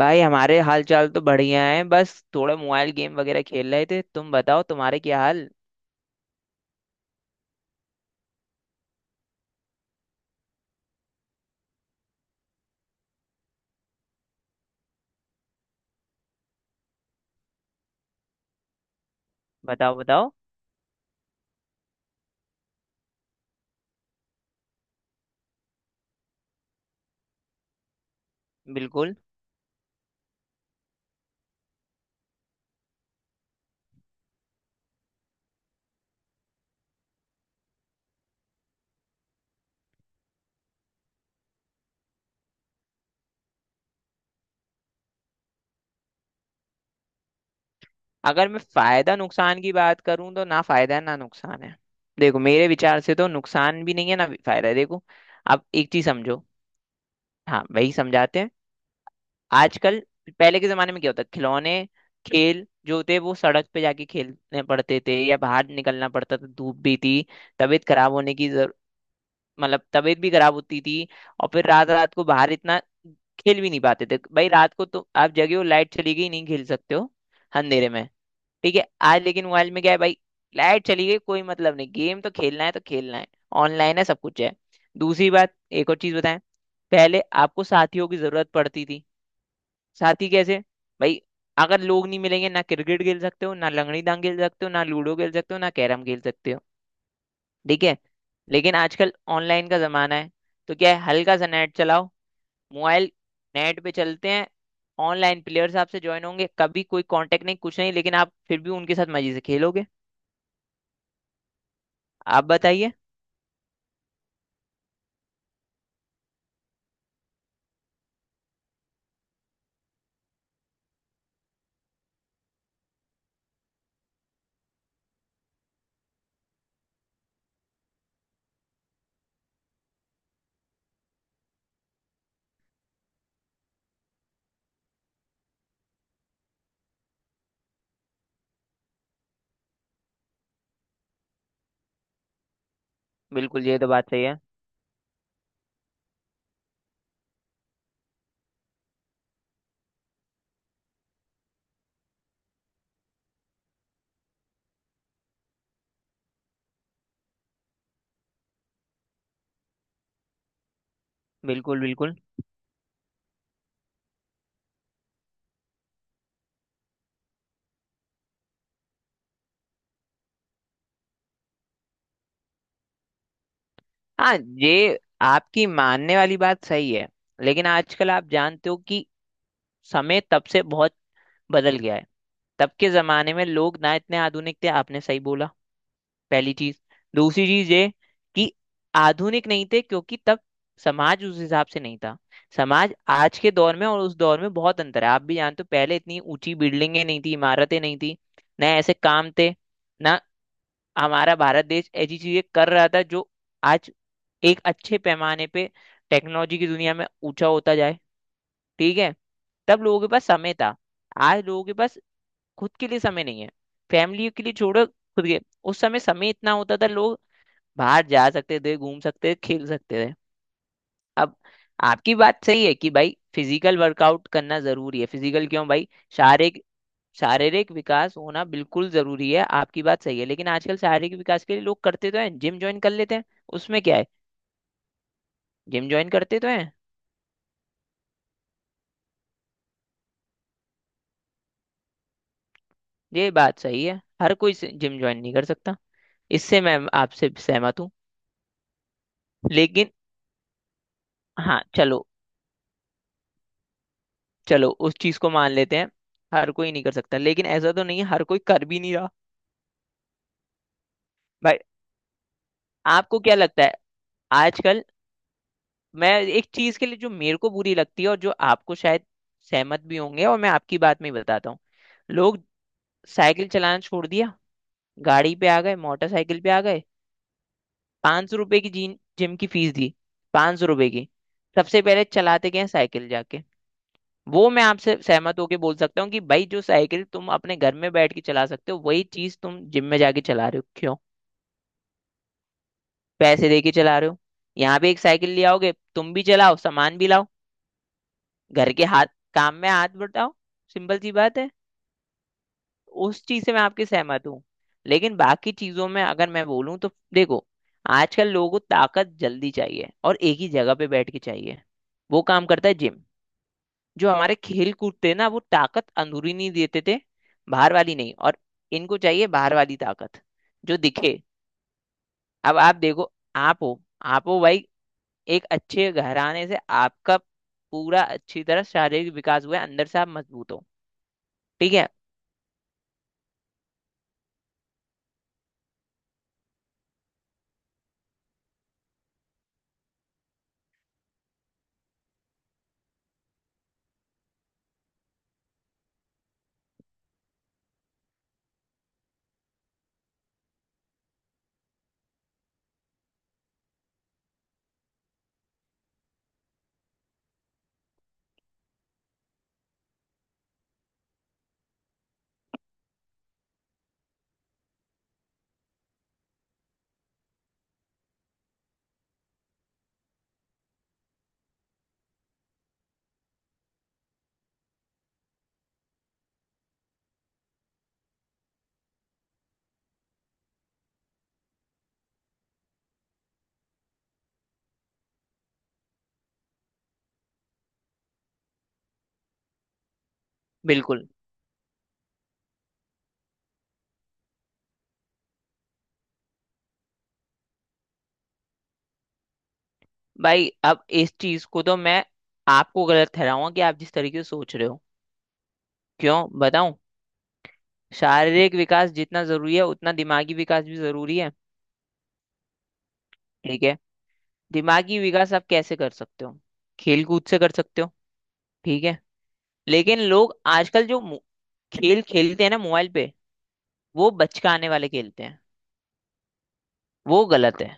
भाई हमारे हाल चाल तो बढ़िया है, बस थोड़ा मोबाइल गेम वगैरह खेल रहे थे। तुम बताओ, तुम्हारे क्या हाल। बताओ बताओ। बिल्कुल। अगर मैं फायदा नुकसान की बात करूं तो ना फायदा है ना नुकसान है। देखो, मेरे विचार से तो नुकसान भी नहीं है ना भी फायदा है। देखो, अब एक चीज समझो। हाँ, वही समझाते हैं। आजकल, पहले के जमाने में क्या होता, खिलौने, खेल जो थे वो सड़क पे जाके खेलने पड़ते थे या बाहर निकलना पड़ता था, धूप भी थी, तबीयत खराब होने की, मतलब तबीयत भी खराब होती थी। और फिर रात रात को बाहर इतना खेल भी नहीं पाते थे भाई, रात को तो आप जगे हो, लाइट चली गई नहीं खेल सकते हो अंधेरे में। ठीक है, आज लेकिन मोबाइल में क्या है भाई, लाइट चली गई कोई मतलब नहीं, गेम तो खेलना है तो खेलना है, ऑनलाइन है सब कुछ है। दूसरी बात, एक और चीज बताएं, पहले आपको साथियों की जरूरत पड़ती थी। साथी कैसे भाई, अगर लोग नहीं मिलेंगे ना, क्रिकेट खेल सकते हो, ना लंगड़ी डांग खेल सकते हो, ना लूडो खेल सकते हो, ना कैरम खेल सकते हो। ठीक है, लेकिन आजकल ऑनलाइन का जमाना है, तो क्या है हल्का सा नेट चलाओ, मोबाइल नेट पे चलते हैं, ऑनलाइन प्लेयर्स आपसे ज्वाइन होंगे, कभी कोई कांटेक्ट नहीं कुछ नहीं, लेकिन आप फिर भी उनके साथ मजे से खेलोगे। आप बताइए। बिल्कुल, ये तो बात सही है। बिल्कुल बिल्कुल। हाँ, ये आपकी मानने वाली बात सही है, लेकिन आजकल आप जानते हो कि समय तब से बहुत बदल गया है। तब के जमाने में लोग ना इतने आधुनिक थे, आपने सही बोला। पहली चीज, दूसरी चीज ये कि आधुनिक नहीं थे क्योंकि तब समाज उस हिसाब से नहीं था। समाज आज के दौर में और उस दौर में बहुत अंतर है, आप भी जानते हो, पहले इतनी ऊंची बिल्डिंगें नहीं थी, इमारतें नहीं थी, ना ऐसे काम थे, ना हमारा भारत देश ऐसी चीजें कर रहा था जो आज एक अच्छे पैमाने पे टेक्नोलॉजी की दुनिया में ऊंचा होता जाए। ठीक है, तब लोगों के पास समय था, आज लोगों के पास खुद के लिए समय नहीं है, फैमिली के लिए छोड़ो खुद के। उस समय समय इतना होता था लोग बाहर जा सकते थे, घूम सकते थे, खेल सकते थे। अब, आपकी बात सही है कि भाई फिजिकल वर्कआउट करना जरूरी है। फिजिकल क्यों भाई, शारीरिक, शारीरिक विकास होना बिल्कुल जरूरी है, आपकी बात सही है, लेकिन आजकल शारीरिक विकास के लिए लोग करते तो हैं, जिम ज्वाइन कर लेते हैं। उसमें क्या है, जिम ज्वाइन करते तो हैं। ये बात सही है, हर कोई जिम ज्वाइन नहीं कर सकता, इससे मैं आपसे सहमत हूँ। लेकिन हाँ चलो, चलो उस चीज को मान लेते हैं, हर कोई नहीं कर सकता, लेकिन ऐसा तो नहीं है हर कोई कर भी नहीं रहा। भाई, आपको क्या लगता है, आजकल, मैं एक चीज के लिए जो मेरे को बुरी लगती है, और जो आपको शायद सहमत भी होंगे, और मैं आपकी बात में ही बताता हूँ। लोग साइकिल चलाना छोड़ दिया, गाड़ी पे आ गए, मोटरसाइकिल पे आ गए। 500 रुपए की जीन जिम की फीस दी, 500 रुपए की, सबसे पहले चलाते गए साइकिल जाके। वो मैं आपसे सहमत होके बोल सकता हूँ कि भाई जो साइकिल तुम अपने घर में बैठ के चला सकते हो वही चीज तुम जिम में जाके चला रहे हो क्यों, पैसे दे के चला रहे हो। यहाँ पे एक साइकिल ले आओगे, तुम भी चलाओ, सामान भी लाओ, घर के हाथ, काम में हाथ बटाओ, सिंपल सी बात है। उस चीज से मैं आपके सहमत हूँ, लेकिन बाकी चीजों में अगर मैं बोलूँ तो देखो, आजकल लोगों को ताकत जल्दी चाहिए और एक ही जगह पे बैठ के चाहिए, वो काम करता है जिम। जो हमारे खेल कूद थे ना वो ताकत अंदरूनी नहीं देते थे, बाहर वाली नहीं, और इनको चाहिए बाहर वाली ताकत, जो दिखे। अब आप देखो, आप हो, आप हो भाई एक अच्छे घराने से, आपका पूरा अच्छी तरह शारीरिक विकास हुआ है, अंदर से आप मजबूत हो। ठीक है, बिल्कुल। भाई, अब इस चीज को तो मैं आपको गलत ठहराऊंगा कि आप जिस तरीके से सोच रहे हो। क्यों बताऊं, शारीरिक विकास जितना जरूरी है उतना दिमागी विकास भी जरूरी है। ठीक है, दिमागी विकास आप कैसे कर सकते हो, खेल कूद से कर सकते हो। ठीक है, लेकिन लोग आजकल जो खेल खेलते हैं ना मोबाइल पे, वो बचकाने वाले खेलते हैं, वो गलत है।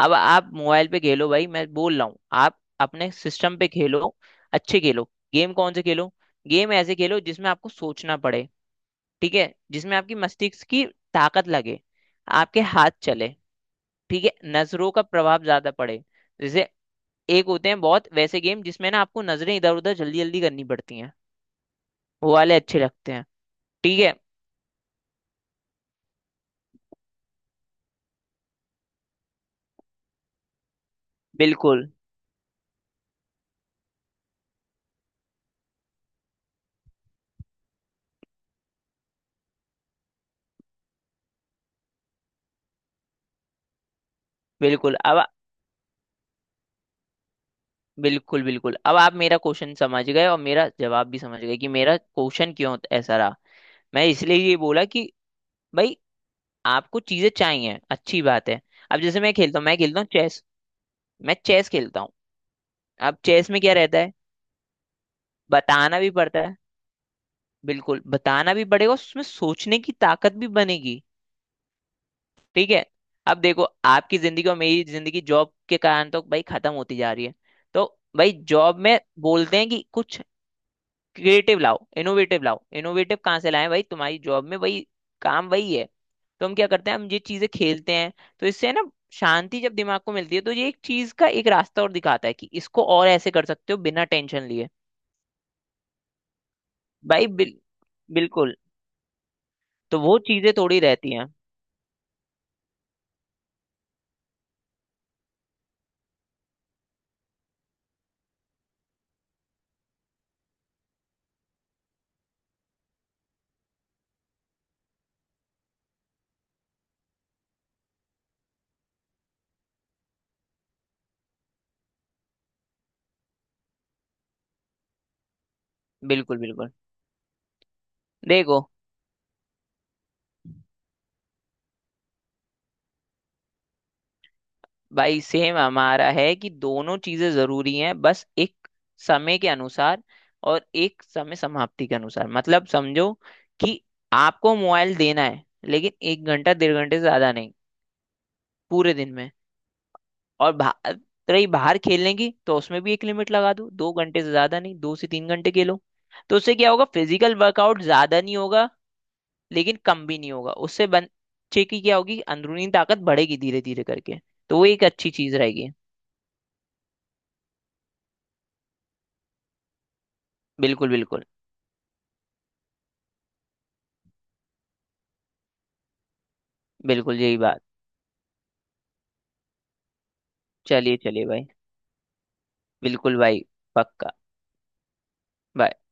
अब आप मोबाइल पे खेलो भाई, मैं बोल रहा हूँ आप अपने सिस्टम पे खेलो, अच्छे खेलो। गेम कौन से खेलो, गेम ऐसे खेलो जिसमें आपको सोचना पड़े। ठीक है, जिसमें आपकी मस्तिष्क की ताकत लगे, आपके हाथ चले। ठीक है, नजरों का प्रभाव ज्यादा पड़े। जैसे एक होते हैं बहुत वैसे गेम जिसमें ना आपको नजरें इधर उधर जल्दी जल्दी करनी पड़ती हैं, वो वाले अच्छे लगते हैं। ठीक है, बिल्कुल बिल्कुल। अब, बिल्कुल बिल्कुल, अब आप मेरा क्वेश्चन समझ गए और मेरा जवाब भी समझ गए कि मेरा क्वेश्चन क्यों ऐसा रहा। मैं इसलिए ये बोला कि भाई, आपको चीजें चाहिए, अच्छी बात है। अब जैसे मैं खेलता हूँ, मैं खेलता हूँ चेस, मैं चेस खेलता हूँ। अब चेस में क्या रहता है, बताना भी पड़ता है, बिल्कुल बताना भी पड़ेगा, उसमें सोचने की ताकत भी बनेगी। ठीक है, अब देखो, आपकी जिंदगी और मेरी जिंदगी जॉब के कारण तो भाई खत्म होती जा रही है। तो भाई, जॉब में बोलते हैं कि कुछ क्रिएटिव लाओ, इनोवेटिव लाओ, इनोवेटिव कहाँ से लाए भाई, तुम्हारी जॉब में वही काम वही है। तो हम क्या करते हैं, हम ये चीजें खेलते हैं। तो इससे है ना, शांति जब दिमाग को मिलती है तो ये एक चीज का एक रास्ता और दिखाता है कि इसको और ऐसे कर सकते हो बिना टेंशन लिए। भाई बिल्कुल, तो वो चीजें थोड़ी रहती हैं। बिल्कुल बिल्कुल। देखो भाई, सेम हमारा है कि दोनों चीजें जरूरी हैं, बस एक समय के अनुसार, और एक समय समाप्ति के अनुसार, मतलब समझो कि आपको मोबाइल देना है, लेकिन 1 घंटा 1.5 घंटे से ज्यादा नहीं, पूरे दिन में। और बाहर, रही बाहर खेलने की, तो उसमें भी एक लिमिट लगा दो, 2 घंटे से ज्यादा नहीं, 2 से 3 घंटे खेलो। तो उससे क्या होगा, फिजिकल वर्कआउट ज्यादा नहीं होगा, लेकिन कम भी नहीं होगा, उससे बच्चे की क्या होगी अंदरूनी ताकत बढ़ेगी धीरे धीरे करके। तो वो एक अच्छी चीज रहेगी। बिल्कुल बिल्कुल। बिल्कुल यही बात, चलिए चलिए भाई, बिल्कुल भाई, पक्का। Bye।